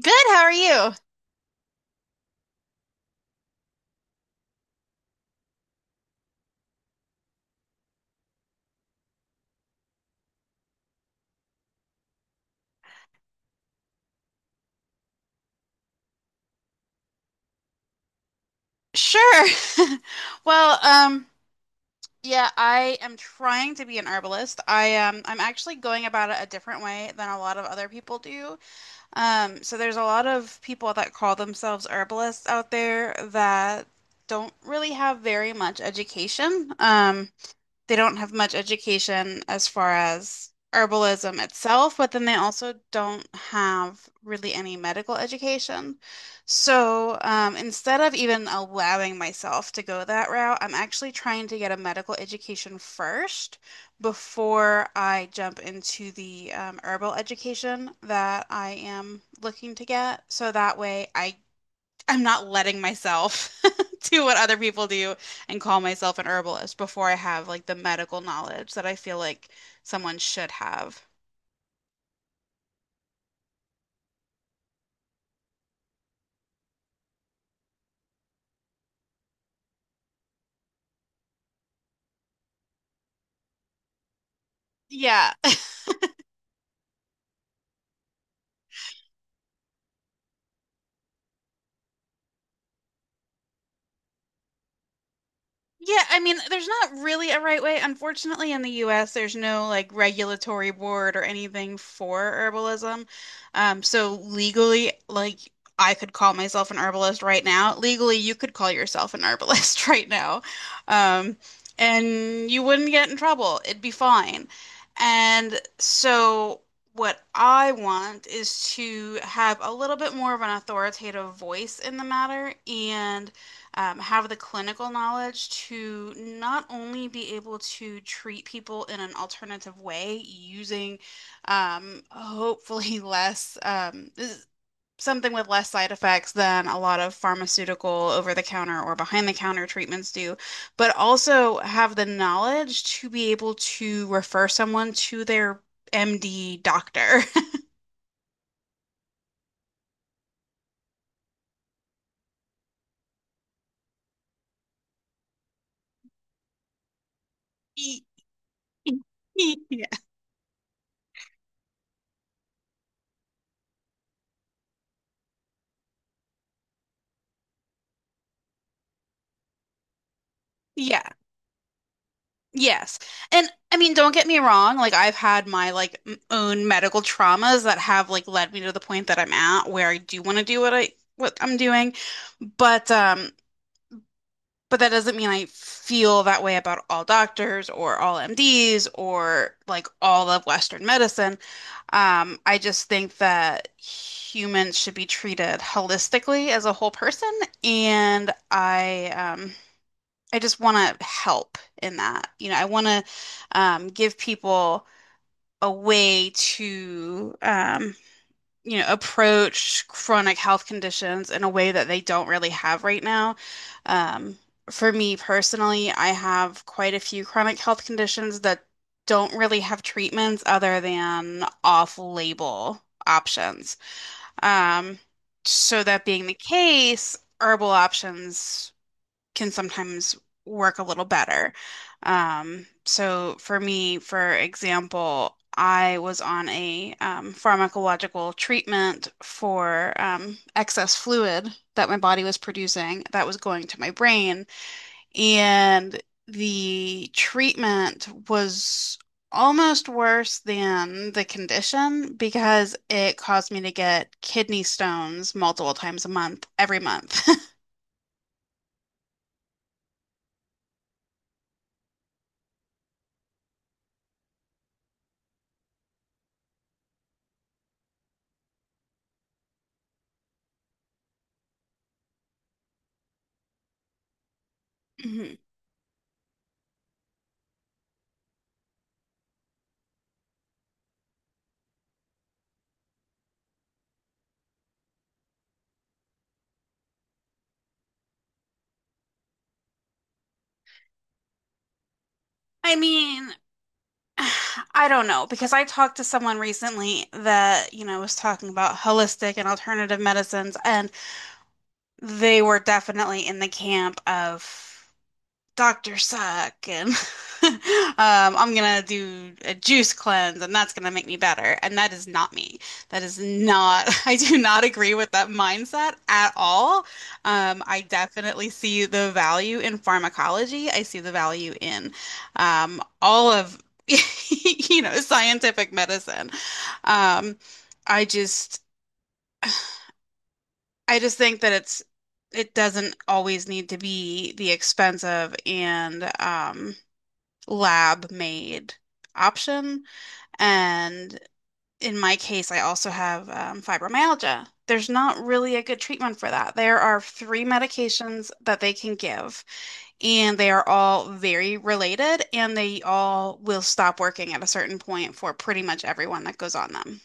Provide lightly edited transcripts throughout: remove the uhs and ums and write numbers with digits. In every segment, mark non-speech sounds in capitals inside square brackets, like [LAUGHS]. Good, how are you? Sure. [LAUGHS] Well, um, yeah, I am trying to be an herbalist. I'm actually going about it a different way than a lot of other people do. So there's a lot of people that call themselves herbalists out there that don't really have very much education. They don't have much education as far as herbalism itself, but then they also don't have really any medical education. So instead of even allowing myself to go that route, I'm actually trying to get a medical education first before I jump into the herbal education that I am looking to get. So that way I'm not letting myself [LAUGHS] do what other people do and call myself an herbalist before I have like the medical knowledge that I feel like someone should have. Yeah. Yeah, I mean, there's not really a right way. Unfortunately, in the US, there's no like regulatory board or anything for herbalism. So legally, like I could call myself an herbalist right now. Legally, you could call yourself an herbalist [LAUGHS] right now. Um, and you wouldn't get in trouble. It'd be fine. And so what I want is to have a little bit more of an authoritative voice in the matter and have the clinical knowledge to not only be able to treat people in an alternative way using hopefully [LAUGHS] less something with less side effects than a lot of pharmaceutical over the counter or behind the counter treatments do, but also have the knowledge to be able to refer someone to their MD doctor. [LAUGHS] Yeah. Yeah. Yes. And I mean, don't get me wrong, like I've had my like own medical traumas that have like led me to the point that I'm at where I do want to do what I'm doing, but um but that doesn't mean I feel that way about all doctors or all MDs or like all of Western medicine. I just think that humans should be treated holistically as a whole person, and I just want to help in that. You know, I want to give people a way to, you know, approach chronic health conditions in a way that they don't really have right now. Um, for me personally, I have quite a few chronic health conditions that don't really have treatments other than off-label options. Um, so that being the case, herbal options can sometimes work a little better. So for me, for example, I was on a pharmacological treatment for excess fluid that my body was producing that was going to my brain, and the treatment was almost worse than the condition because it caused me to get kidney stones multiple times a month, every month. [LAUGHS] Mhm. I mean, [SIGHS] I don't know because I talked to someone recently that, you know, was talking about holistic and alternative medicines, and they were definitely in the camp of Dr. Suck and [LAUGHS] um, I'm gonna do a juice cleanse and that's gonna make me better. And that is not me. That is not, [LAUGHS] I do not agree with that mindset at all. I definitely see the value in pharmacology. I see the value in all of, [LAUGHS] you know, scientific medicine. Um, I just, I just think that it doesn't always need to be the expensive and, lab made option. And in my case, I also have fibromyalgia. There's not really a good treatment for that. There are three medications that they can give, and they are all very related, and they all will stop working at a certain point for pretty much everyone that goes on them.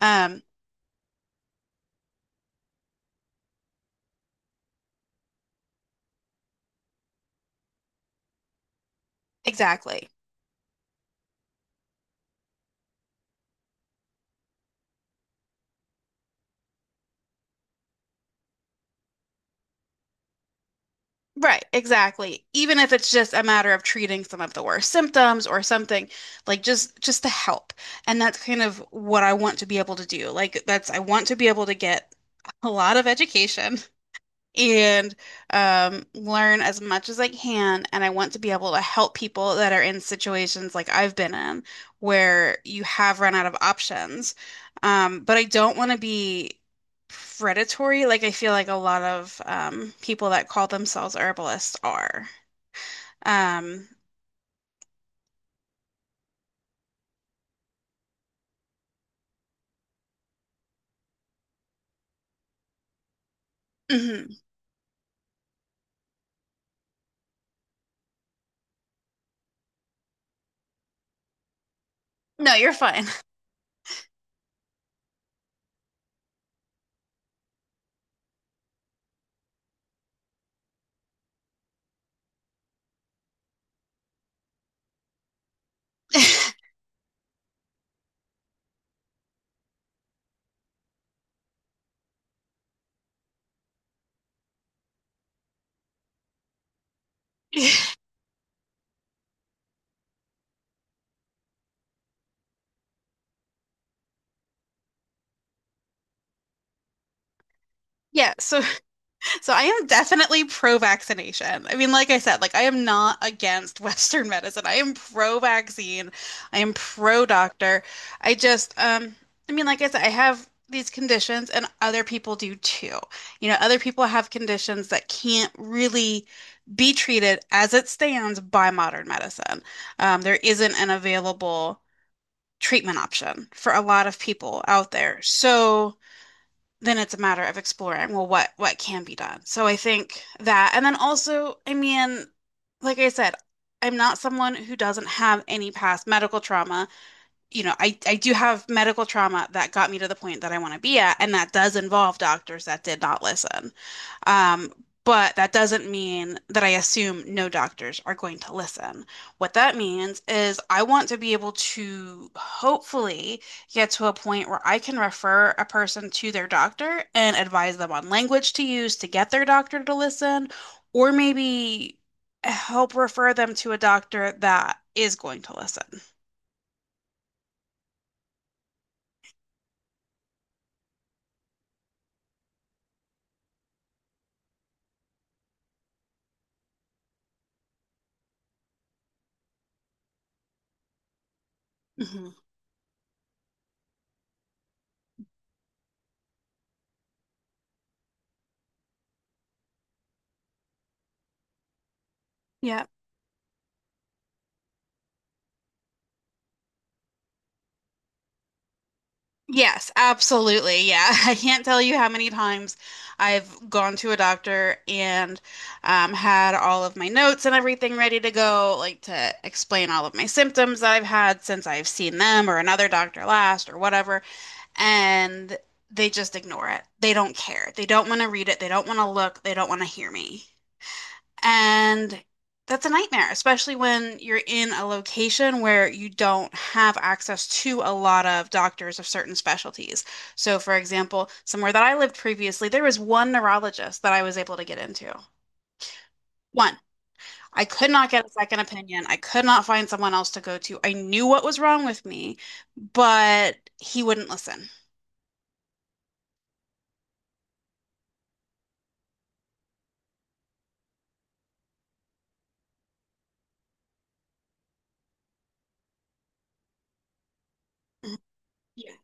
Um, exactly. Right, exactly. Even if it's just a matter of treating some of the worst symptoms or something, like just to help. And that's kind of what I want to be able to do. Like that's I want to be able to get a lot of education and learn as much as I can. And I want to be able to help people that are in situations like I've been in where you have run out of options. But I don't want to be predatory, like I feel like a lot of people that call themselves herbalists are. Um, mhm. No, you're fine. [LAUGHS] Yeah, so So I am definitely pro-vaccination. I mean, like I said, like I am not against [LAUGHS] Western medicine. I am pro-vaccine. I am pro-doctor. I just, um, I mean, like I said, I have these conditions and other people do too. You know, other people have conditions that can't really be treated as it stands by modern medicine. There isn't an available treatment option for a lot of people out there. So then it's a matter of exploring, well, what can be done. So I think that, and then also, I mean, like I said, I'm not someone who doesn't have any past medical trauma you know, I do have medical trauma that got me to the point that I want to be at, and that does involve doctors that did not listen. Um, but that doesn't mean that I assume no doctors are going to listen. What that means is I want to be able to hopefully get to a point where I can refer a person to their doctor and advise them on language to use to get their doctor to listen, or maybe help refer them to a doctor that is going to listen. Mm-hmm. Yes, absolutely. Yeah. [LAUGHS] I can't tell you how many times I've gone to a doctor and had all of my notes and everything ready to go, like to explain all of my symptoms that I've had since I've seen them or another doctor last or whatever. And they just ignore it. They don't care. They don't want to read it. They don't want to look. They don't want to hear me. And that's a nightmare, especially when you're in a location where you don't have access to a lot of doctors of certain specialties. So, for example, somewhere that I lived previously, there was one neurologist that I was able to get into. One. I could not get a second opinion. I could not find someone else to go to. I knew what was wrong with me, but he wouldn't listen. Mhm. Yeah.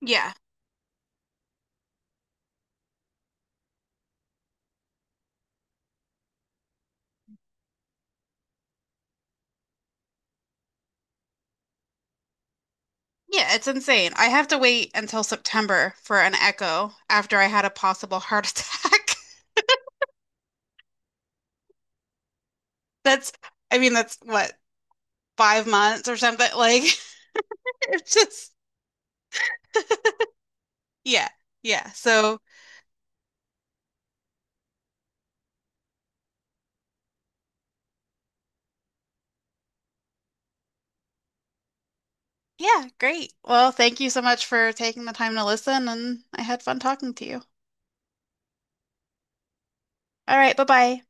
Yeah. Yeah, it's insane. I have to wait until September for an echo after I had a possible heart attack. [LAUGHS] That's, I mean, that's what, 5 months or something? Like, [LAUGHS] it's just, yeah, yeah. So, yeah, great. Well, thank you so much for taking the time to listen, and I had fun talking to you. All right, bye-bye.